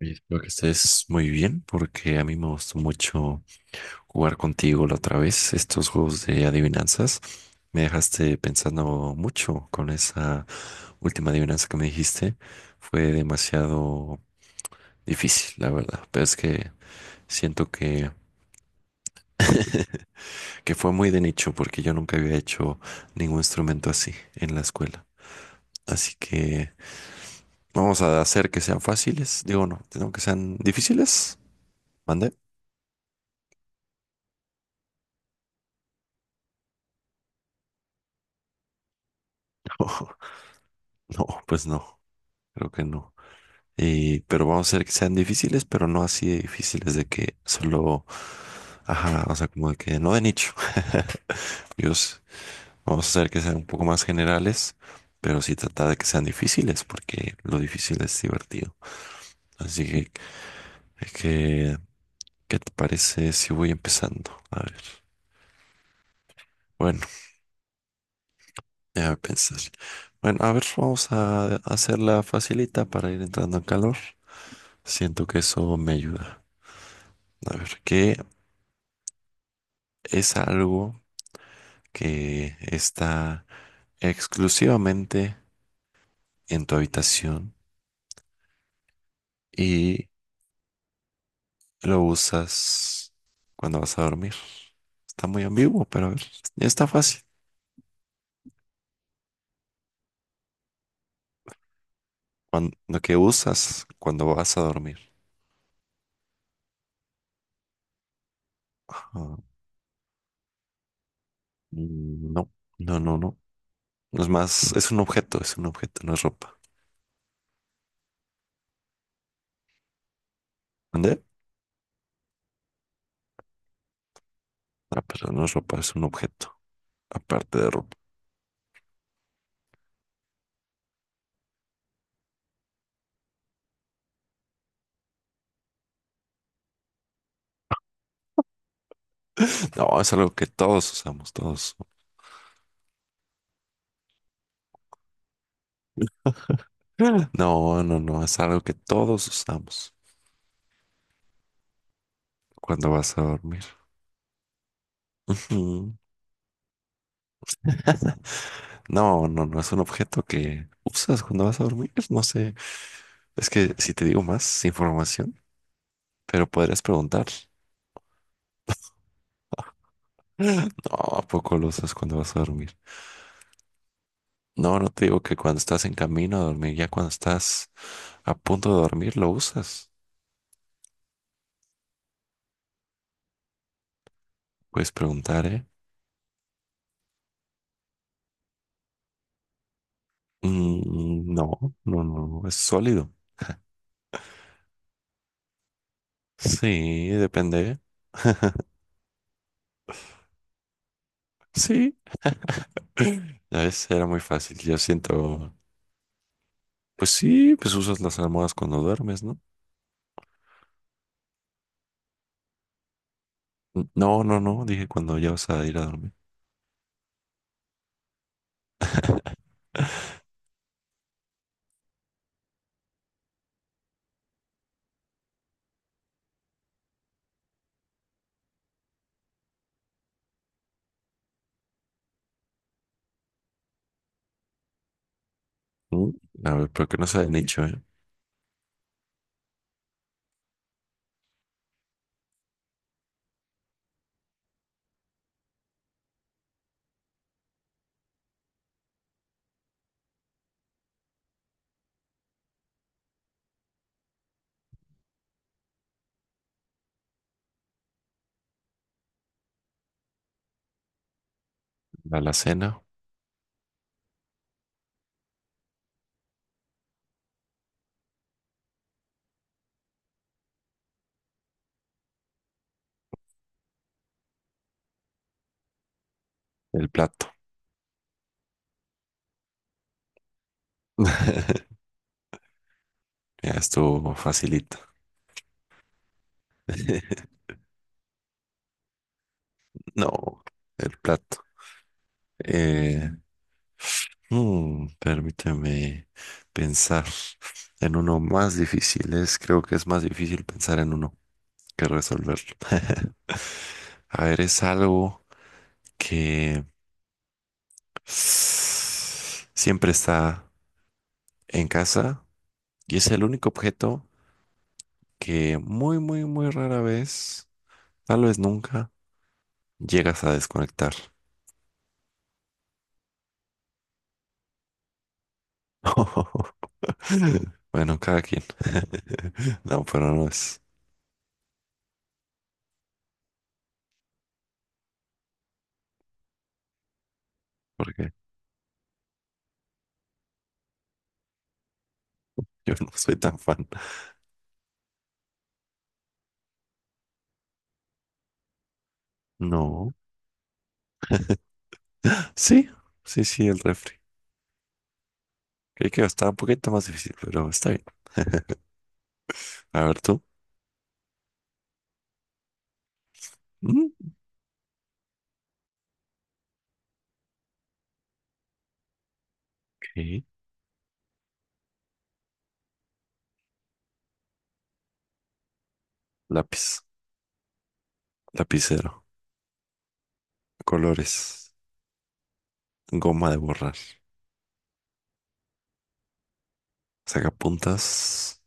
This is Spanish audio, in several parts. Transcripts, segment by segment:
Y espero que estés muy bien porque a mí me gustó mucho jugar contigo la otra vez, estos juegos de adivinanzas. Me dejaste pensando mucho con esa última adivinanza que me dijiste. Fue demasiado difícil, la verdad. Pero es que siento que fue muy de nicho porque yo nunca había hecho ningún instrumento así en la escuela. Así que vamos a hacer que sean fáciles. Digo, no, tengo que sean difíciles. ¿Mande? No, pues no, creo que no. Y, pero vamos a hacer que sean difíciles, pero no así de difíciles de que solo, ajá, o sea, como de que no de nicho. Dios, vamos a hacer que sean un poco más generales, pero sí trata de que sean difíciles, porque lo difícil es divertido. Así que, es que, ¿qué te parece si voy empezando? A ver, bueno, déjame pensar. Bueno, a ver, vamos a hacerla facilita para ir entrando en calor. Siento que eso me ayuda. A ver, ¿qué es algo que está exclusivamente en tu habitación y lo usas cuando vas a dormir? Está muy ambiguo, pero a ver, está fácil. Cuan- lo que usas cuando vas a dormir. Ajá. No, no, no, no. Es más, es un objeto, no es ropa. ¿Dónde? Ah, pero no es ropa, es un objeto. Aparte de ropa. No, es algo que todos usamos, todos. Ah. No, no, no, es algo que todos usamos cuando vas a dormir. Ujú. No, no, no es un objeto que usas cuando vas a dormir. No sé. Es que si te digo más información, pero podrías preguntar. No, ¿a poco lo usas cuando vas a dormir? No, no te digo que cuando estás en camino a dormir, ya cuando estás a punto de dormir, lo usas. Puedes preguntar, ¿eh? No, no, no, es sólido. Sí, depende. Sí. Ya ves, era muy fácil. Yo siento, pues sí, pues usas las almohadas cuando duermes, ¿no? No, no, no, dije cuando ya vas a ir a dormir. Mm. A ver, pero que no se hayan dicho, ¿eh? La alacena, el plato. Ya estuvo facilito. No, el plato. Eh, permíteme pensar en uno más difícil. Es, creo que es más difícil pensar en uno que resolverlo. A ver, es algo que siempre está en casa y es el único objeto que muy, muy, muy rara vez, tal vez nunca, llegas a desconectar. Bueno, cada quien. No, pero no es porque yo no soy tan fan. No. Sí, sí, sí, el refri. Creí que estaba un poquito más difícil, pero está bien. A ver tú. Mm, ok. Lápiz, lapicero, colores, goma de borrar, sacapuntas,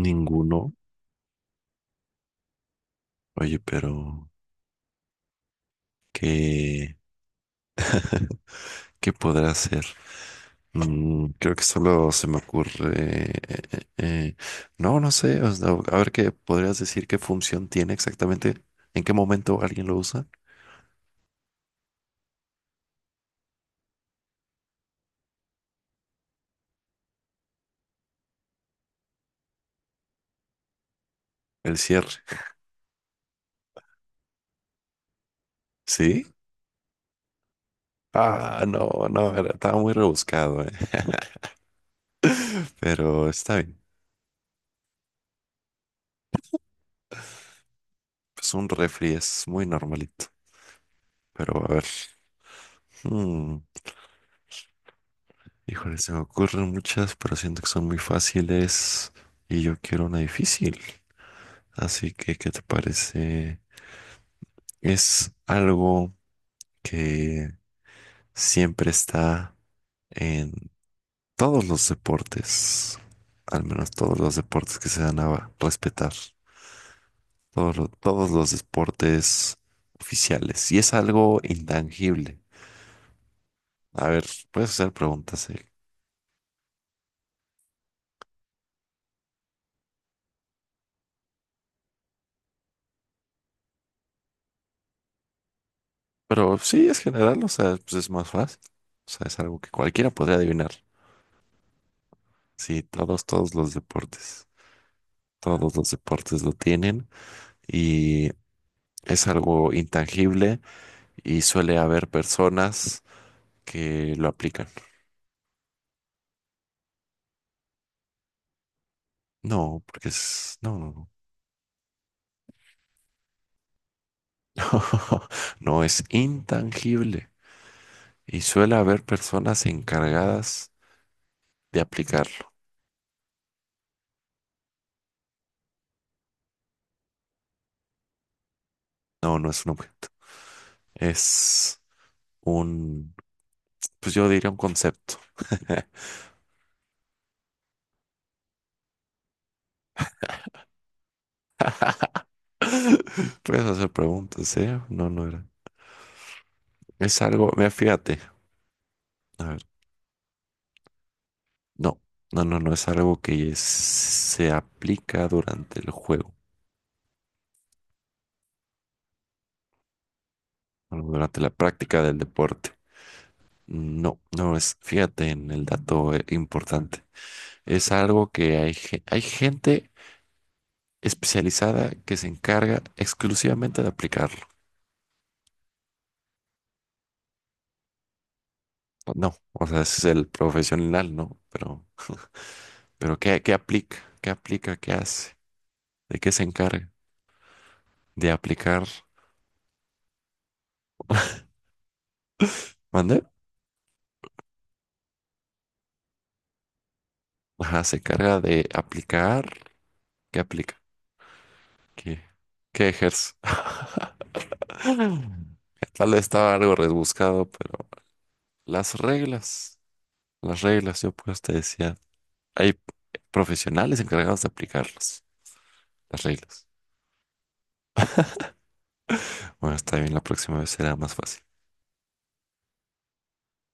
ninguno. Oye, pero ¿qué? ¿Qué podrá hacer? Mm, creo que solo se me ocurre... no, no sé. O sea, a ver qué podrías decir qué función tiene exactamente. ¿En qué momento alguien lo usa? El cierre. ¿Sí? Ah, no, no, estaba muy rebuscado, eh. Pero está bien. Es un refri, es muy normalito. Pero a ver. mm, Híjole, se me ocurren muchas, pero siento que son muy fáciles. Y yo quiero una difícil. Así que, ¿qué te parece? Es algo que siempre está en todos los deportes, al menos todos los deportes que se dan a respetar, todos, todos los deportes oficiales. Y es algo intangible. A ver, puedes hacer preguntas, eh. Pero sí, es general, o sea, pues es más fácil. O sea, es algo que cualquiera podría adivinar. Sí, todos, todos los deportes lo tienen y es algo intangible y suele haber personas que lo aplican. No, porque es, no, no, no, no es intangible y suele haber personas encargadas de aplicarlo. No, no es un objeto, es un, pues yo diría un concepto. Puedes hacer preguntas, ¿eh? No, no era. Es algo, mira, fíjate, a ver, no, no, no, no es algo que se aplica durante el juego, o durante la práctica del deporte. No, no es, fíjate en el dato importante. Es algo que hay, hay gente especializada que se encarga exclusivamente de aplicarlo. No, o sea, ese es el profesional, ¿no? Pero ¿qué, qué aplica? ¿Qué aplica? ¿Qué hace? ¿De qué se encarga? De aplicar. ¿Mande? Ajá, se encarga de aplicar. ¿Qué aplica? ¿Qué, qué ejerce? Tal vez estaba algo rebuscado, pero las reglas, las reglas, yo pues te decía. Hay profesionales encargados de aplicarlos, las reglas. Bueno, está bien, la próxima vez será más fácil.